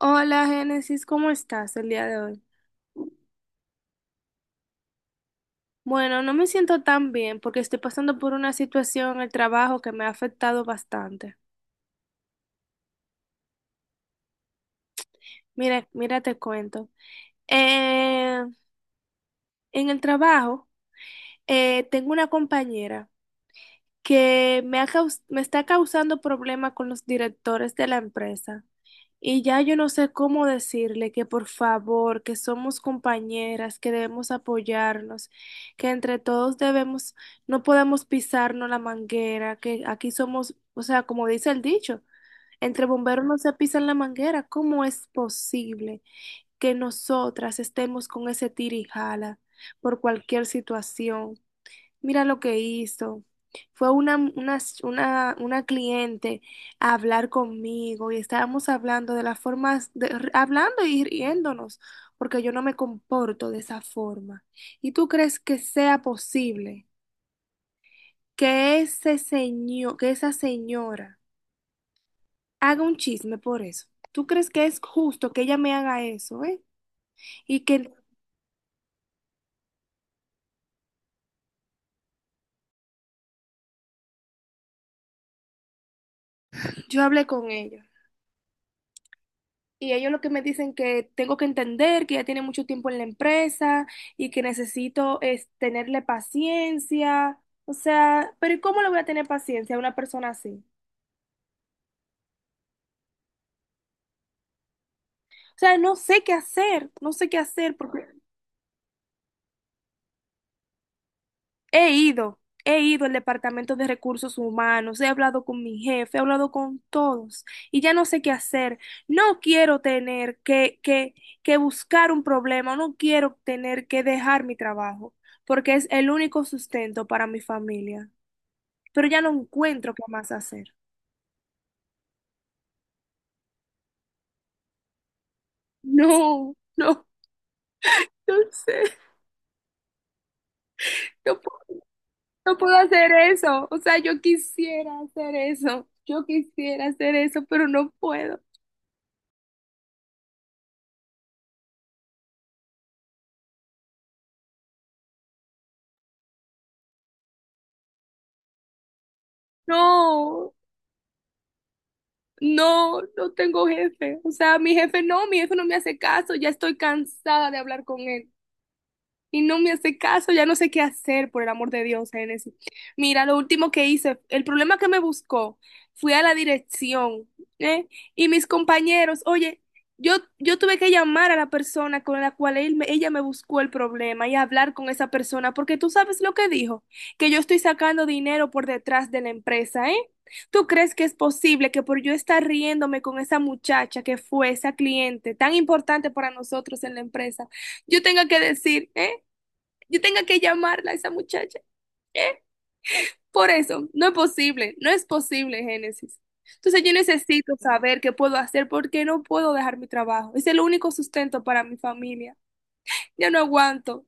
Hola, Génesis, ¿cómo estás el día de hoy? Bueno, no me siento tan bien porque estoy pasando por una situación en el trabajo que me ha afectado bastante. Mira, mira, te cuento. Eh, en el trabajo, tengo una compañera que me está causando problemas con los directores de la empresa. Y ya yo no sé cómo decirle que por favor, que somos compañeras, que debemos apoyarnos, que entre todos debemos, no podemos pisarnos la manguera, que aquí somos, o sea, como dice el dicho, entre bomberos no se pisan la manguera. ¿Cómo es posible que nosotras estemos con ese tira y jala por cualquier situación? Mira lo que hizo. Fue una cliente a hablar conmigo y estábamos hablando de las formas, hablando y riéndonos, porque yo no me comporto de esa forma. ¿Y tú crees que sea posible que ese señor, que esa señora haga un chisme por eso? ¿Tú crees que es justo que ella me haga eso, eh? Y que yo hable con ella. Y ellos lo que me dicen que tengo que entender que ya tiene mucho tiempo en la empresa y que necesito es tenerle paciencia. O sea, pero ¿y cómo le voy a tener paciencia a una persona así? O sea, no sé qué hacer, no sé qué hacer porque He ido, he ido al Departamento de Recursos Humanos, he hablado con mi jefe, he hablado con todos y ya no sé qué hacer. No quiero tener que buscar un problema, no quiero tener que dejar mi trabajo, porque es el único sustento para mi familia. Pero ya no encuentro qué más hacer. No, no, no sé, no puedo, no puedo hacer eso. O sea, yo quisiera hacer eso, yo quisiera hacer eso, pero no puedo. No. No, no tengo jefe. O sea, mi jefe no me hace caso, ya estoy cansada de hablar con él. Y no me hace caso, ya no sé qué hacer, por el amor de Dios, Génesis. Mira, lo último que hice, el problema que me buscó, fui a la dirección, ¿eh? Y mis compañeros, oye, yo tuve que llamar a la persona con la cual ella me buscó el problema y hablar con esa persona, porque tú sabes lo que dijo, que yo estoy sacando dinero por detrás de la empresa, ¿eh? ¿Tú crees que es posible que por yo estar riéndome con esa muchacha que fue esa cliente tan importante para nosotros en la empresa, yo tenga que decir, ¿eh? Yo tenga que llamarla a esa muchacha. Por eso, no es posible, no es posible, Génesis. Entonces yo necesito saber qué puedo hacer porque no puedo dejar mi trabajo. Es el único sustento para mi familia. Ya no aguanto.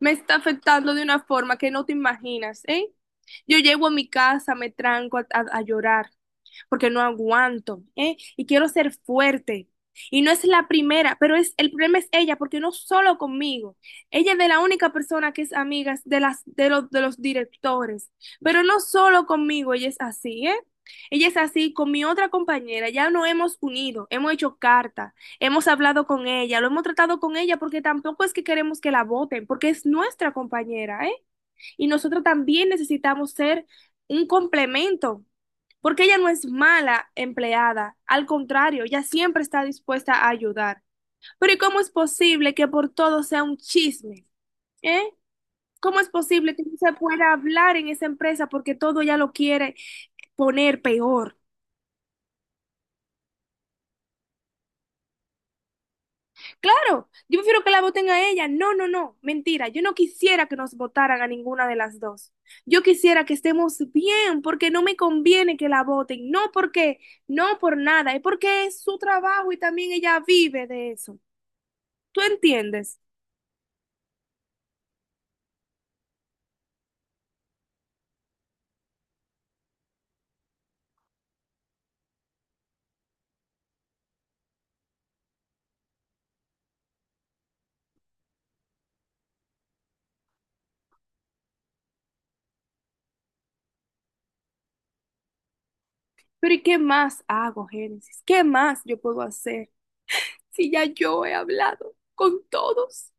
Me está afectando de una forma que no te imaginas, ¿eh? Yo llego a mi casa, me tranco a llorar porque no aguanto, ¿eh? Y quiero ser fuerte. Y no es la primera, pero es el problema es ella, porque no solo conmigo. Ella es de la única persona que es amiga es de los directores, pero no solo conmigo, ella es así, ¿eh? Ella es así con mi otra compañera, ya nos hemos unido, hemos hecho cartas. Hemos hablado con ella, lo hemos tratado con ella porque tampoco es que queremos que la voten, porque es nuestra compañera, ¿eh? Y nosotros también necesitamos ser un complemento, porque ella no es mala empleada, al contrario, ella siempre está dispuesta a ayudar. Pero ¿y cómo es posible que por todo sea un chisme? ¿Eh? ¿Cómo es posible que no se pueda hablar en esa empresa porque todo ya lo quiere poner peor? Claro, yo prefiero que la voten a ella. No, no, no, mentira. Yo no quisiera que nos votaran a ninguna de las dos. Yo quisiera que estemos bien porque no me conviene que la voten. No porque, no por nada, es porque es su trabajo y también ella vive de eso. ¿Tú entiendes? Pero ¿y qué más hago, Génesis? ¿Qué más yo puedo hacer si ya yo he hablado con todos?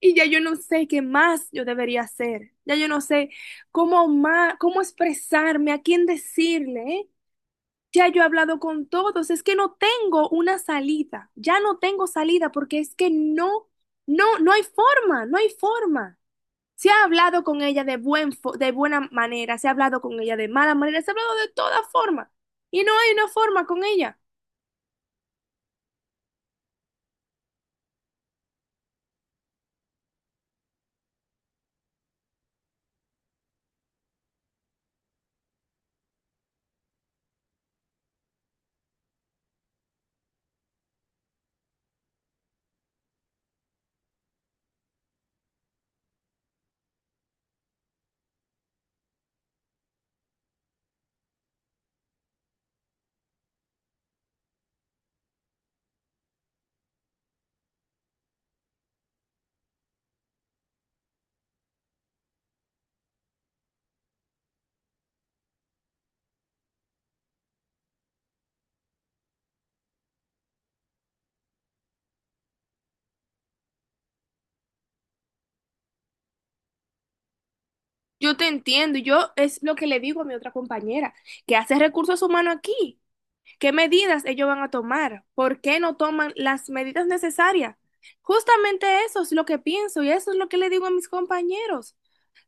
Y ya yo no sé qué más yo debería hacer. Ya yo no sé cómo más, cómo expresarme, a quién decirle, ¿eh? Ya yo he hablado con todos, es que no tengo una salida, ya no tengo salida porque es que no hay forma, no hay forma. Se ha hablado con ella de buena manera, se ha hablado con ella de mala manera, se ha hablado de toda forma y no hay una forma con ella. Yo te entiendo, y yo es lo que le digo a mi otra compañera, que hace recursos humanos aquí. ¿Qué medidas ellos van a tomar? ¿Por qué no toman las medidas necesarias? Justamente eso es lo que pienso y eso es lo que le digo a mis compañeros.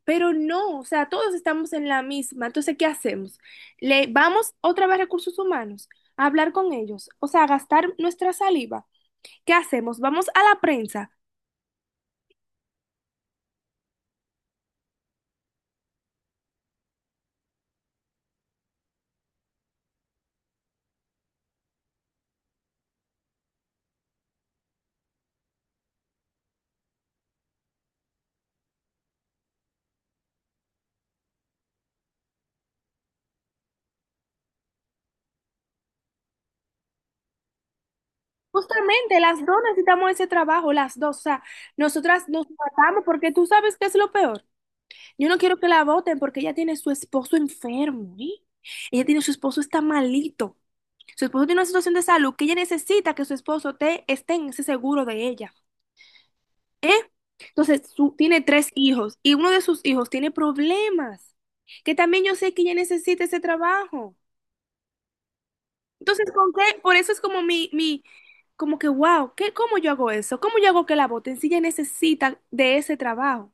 Pero no, o sea, todos estamos en la misma. Entonces, ¿qué hacemos? Le vamos otra vez a recursos humanos a hablar con ellos, o sea, a gastar nuestra saliva. ¿Qué hacemos? Vamos a la prensa. Justamente, las dos necesitamos ese trabajo, las dos. O sea, nosotras nos matamos porque tú sabes qué es lo peor. Yo no quiero que la voten porque ella tiene su esposo enfermo, ¿eh? Ella tiene su esposo está malito. Su esposo tiene una situación de salud que ella necesita que su esposo esté en ese seguro de ella. ¿Eh? Entonces, tiene 3 hijos y uno de sus hijos tiene problemas, que también yo sé que ella necesita ese trabajo. Entonces, ¿con qué? Por eso es como como que, wow, ¿qué, cómo yo hago eso? ¿Cómo yo hago que la voten si ella necesita de ese trabajo?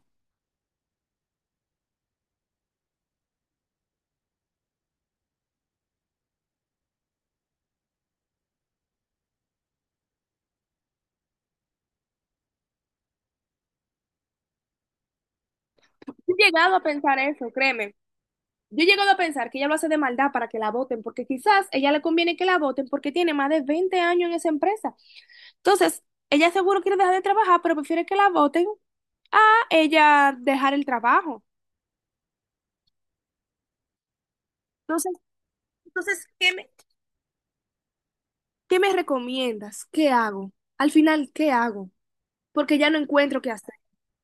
Yo he llegado a pensar eso, créeme. Yo he llegado a pensar que ella lo hace de maldad para que la voten, porque quizás ella le conviene que la voten porque tiene más de 20 años en esa empresa. Entonces, ella seguro quiere dejar de trabajar, pero prefiere que la voten a ella dejar el trabajo. Entonces, entonces, ¿qué me recomiendas? ¿Qué hago? Al final, ¿qué hago? Porque ya no encuentro qué hacer.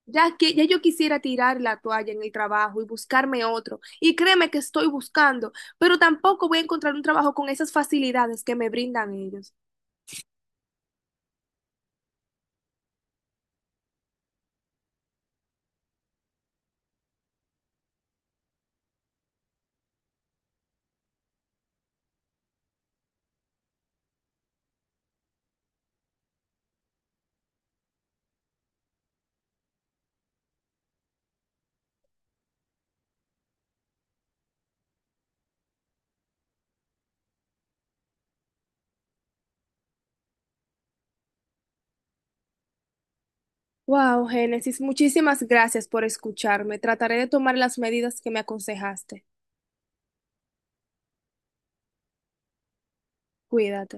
Ya que ya yo quisiera tirar la toalla en el trabajo y buscarme otro. Y créeme que estoy buscando, pero tampoco voy a encontrar un trabajo con esas facilidades que me brindan ellos. Wow, Génesis, muchísimas gracias por escucharme. Trataré de tomar las medidas que me aconsejaste. Cuídate.